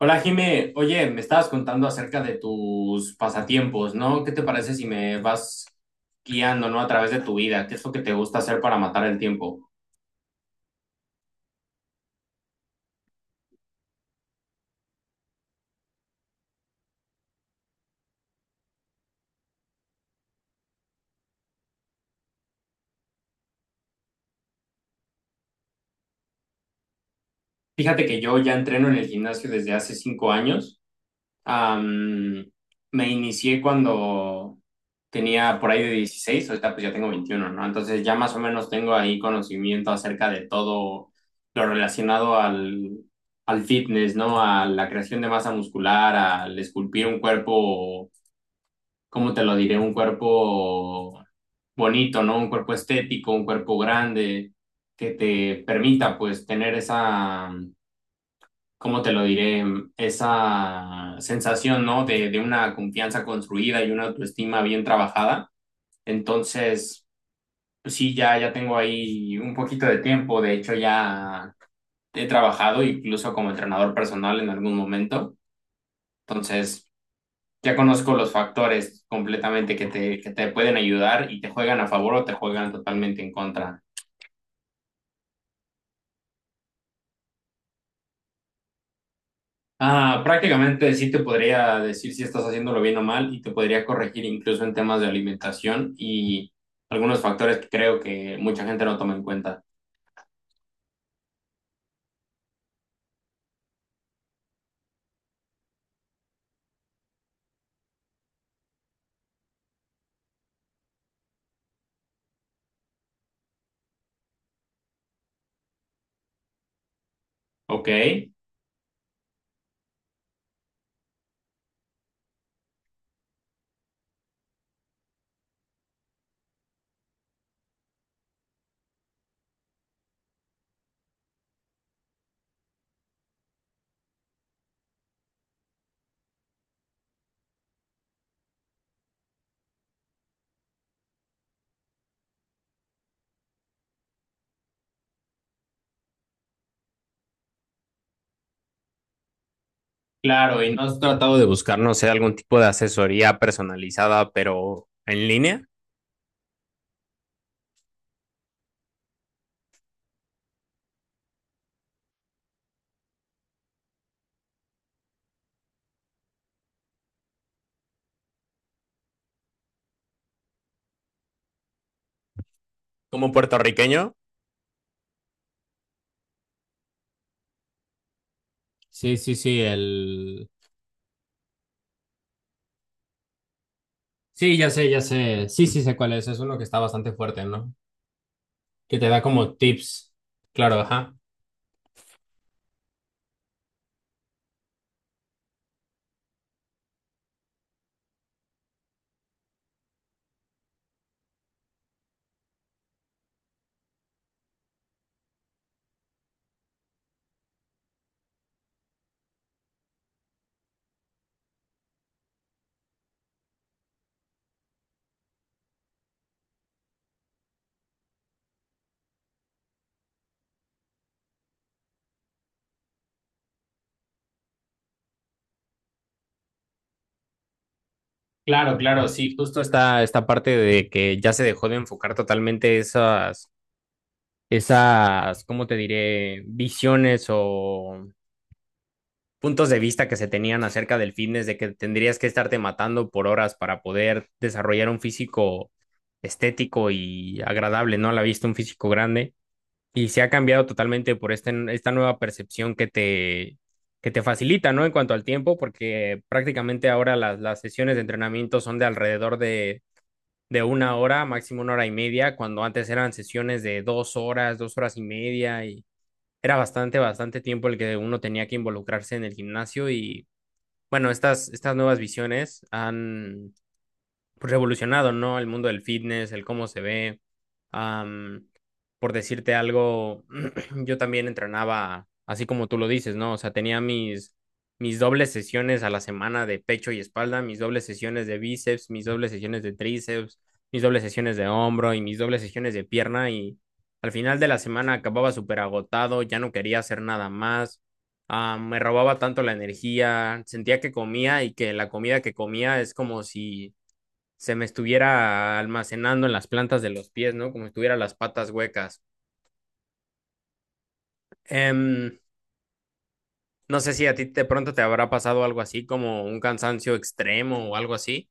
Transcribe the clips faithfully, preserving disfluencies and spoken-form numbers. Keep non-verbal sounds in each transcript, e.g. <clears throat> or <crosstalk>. Hola Jime, oye, me estabas contando acerca de tus pasatiempos, ¿no? ¿Qué te parece si me vas guiando, ¿no? A través de tu vida, ¿qué es lo que te gusta hacer para matar el tiempo? Fíjate que yo ya entreno en el gimnasio desde hace cinco años. Am, Me inicié cuando tenía por ahí de dieciséis, ahorita pues ya tengo veintiuno, ¿no? Entonces ya más o menos tengo ahí conocimiento acerca de todo lo relacionado al, al fitness, ¿no? A la creación de masa muscular, al esculpir un cuerpo, ¿cómo te lo diré? Un cuerpo bonito, ¿no? Un cuerpo estético, un cuerpo grande, que te permita pues tener esa, ¿cómo te lo diré? Mm, Esa sensación, ¿no? De, de una confianza construida y una autoestima bien trabajada. Entonces, pues sí, ya, ya tengo ahí un poquito de tiempo. De hecho, ya he trabajado incluso como entrenador personal en algún momento. Entonces, ya conozco los factores completamente que te, que te pueden ayudar y te juegan a favor o te juegan totalmente en contra. Ah, prácticamente sí te podría decir si estás haciéndolo bien o mal y te podría corregir incluso en temas de alimentación y algunos factores que creo que mucha gente no toma en cuenta. Ok, claro, ¿y no has tratado de buscar, no sé, algún tipo de asesoría personalizada, pero en línea, como puertorriqueño? Sí, sí, sí, el... Sí, ya sé, ya sé. Sí, sí sé cuál es. Es uno que está bastante fuerte, ¿no? Que te da como tips. Claro, ajá. Claro, claro, sí, justo esta, esta parte de que ya se dejó de enfocar totalmente esas, esas, ¿cómo te diré? Visiones o puntos de vista que se tenían acerca del fitness, de que tendrías que estarte matando por horas para poder desarrollar un físico estético y agradable, ¿no? A la vista, un físico grande. Y se ha cambiado totalmente por este, esta nueva percepción que te, que te facilita, ¿no? En cuanto al tiempo, porque prácticamente ahora las, las sesiones de entrenamiento son de alrededor de de una hora, máximo una hora y media, cuando antes eran sesiones de dos horas, dos horas y media, y era bastante, bastante tiempo el que uno tenía que involucrarse en el gimnasio y bueno, estas, estas nuevas visiones han, pues, revolucionado, ¿no? El mundo del fitness, el cómo se ve. Am, por decirte algo, <clears throat> yo también entrenaba, así como tú lo dices, ¿no? O sea, tenía mis, mis dobles sesiones a la semana de pecho y espalda, mis dobles sesiones de bíceps, mis dobles sesiones de tríceps, mis dobles sesiones de hombro y mis dobles sesiones de pierna y al final de la semana acababa súper agotado, ya no quería hacer nada más. Ah, me robaba tanto la energía, sentía que comía y que la comida que comía es como si se me estuviera almacenando en las plantas de los pies, ¿no? Como si tuviera las patas huecas. Em, no sé si a ti de pronto te habrá pasado algo así, como un cansancio extremo o algo así.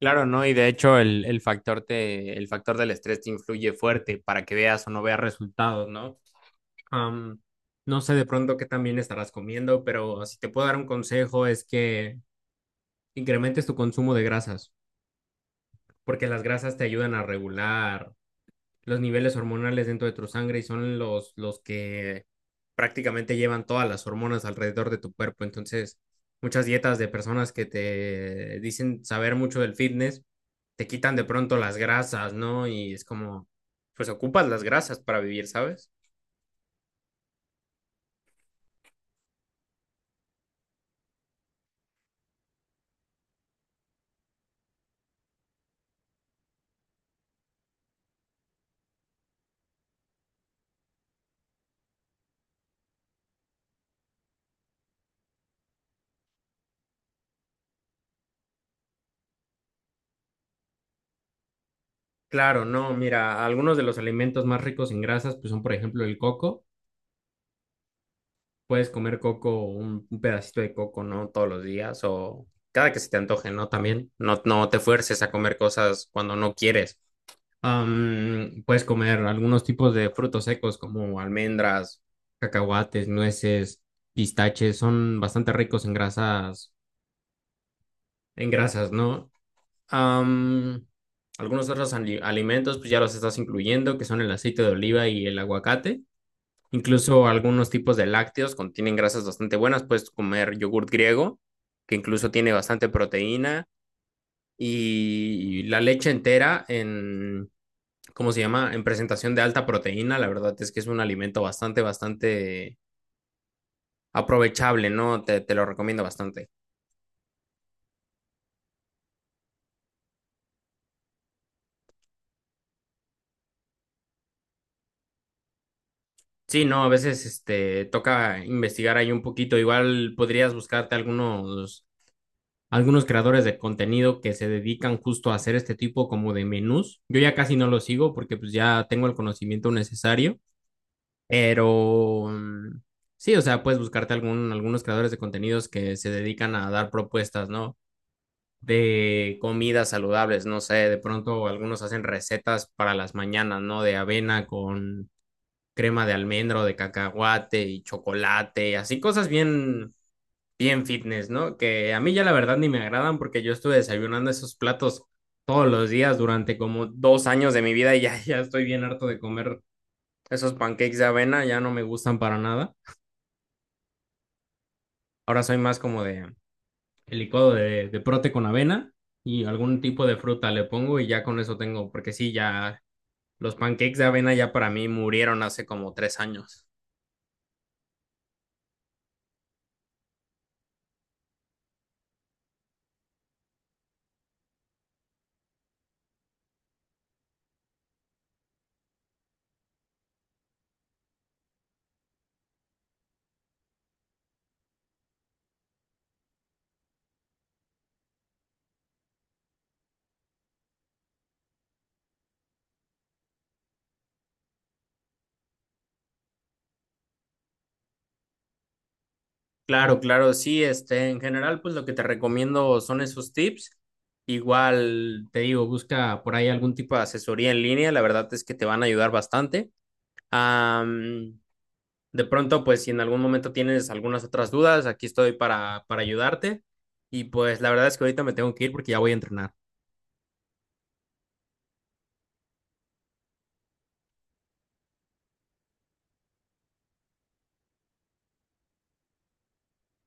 Claro, ¿no? Y de hecho el, el factor te, el factor del estrés te influye fuerte para que veas o no veas resultados, ¿no? Am, no sé de pronto qué también estarás comiendo, pero si te puedo dar un consejo es que incrementes tu consumo de grasas, porque las grasas te ayudan a regular los, niveles hormonales dentro de tu sangre y son los, los que prácticamente llevan todas las hormonas alrededor de tu cuerpo. Entonces, muchas dietas de personas que te dicen saber mucho del fitness, te quitan de pronto las grasas, ¿no? Y es como, pues ocupas las grasas para vivir, ¿sabes? Claro, no, mira, algunos de los alimentos más ricos en grasas, pues son, por ejemplo, el coco puedes comer coco, un, un pedacito de coco, ¿no? Todos los días o cada que se te antoje, ¿no? También no, no te fuerces a comer cosas cuando no quieres. Am, puedes comer algunos tipos de frutos secos como almendras, cacahuates, nueces, pistaches, son bastante ricos en grasas, en grasas, ¿no? Am, algunos otros ali- alimentos, pues ya los estás incluyendo, que son el aceite de oliva y el aguacate. Incluso algunos tipos de lácteos contienen grasas bastante buenas. Puedes comer yogurt griego, que incluso tiene bastante proteína, y la leche entera en, ¿cómo se llama? En presentación de alta proteína. La verdad es que es un alimento bastante, bastante aprovechable, ¿no? Te, te lo recomiendo bastante. Sí, no, a veces este, toca investigar ahí un poquito. Igual podrías buscarte algunos algunos creadores de contenido que se dedican justo a hacer este tipo como de menús. Yo ya casi no los sigo porque pues ya tengo el conocimiento necesario, pero mm, sí, o sea, puedes buscarte algún, algunos creadores de contenidos que se dedican a dar propuestas, ¿no? De comidas saludables, no sé, de pronto algunos hacen recetas para las mañanas, ¿no? De avena con crema de almendro, de cacahuate y chocolate, así cosas bien bien fitness, ¿no? Que a mí ya la verdad ni me agradan porque yo estuve desayunando esos platos todos los días durante como dos años de mi vida y ya, <laughs> ya estoy bien harto de comer esos pancakes de avena, ya no me gustan para nada. Ahora soy más como de el licuado de, de prote con avena y algún tipo de fruta le pongo y ya con eso tengo, porque sí, ya los pancakes de avena ya para mí murieron hace como tres años. Claro, claro, sí, este, en general, pues lo que te recomiendo son esos tips. Igual te digo, busca por ahí algún tipo de asesoría en línea, la verdad es que te van a ayudar bastante. Am, de pronto, pues si en algún momento tienes algunas otras dudas, aquí estoy para, para ayudarte. Y pues la verdad es que ahorita me tengo que ir porque ya voy a entrenar.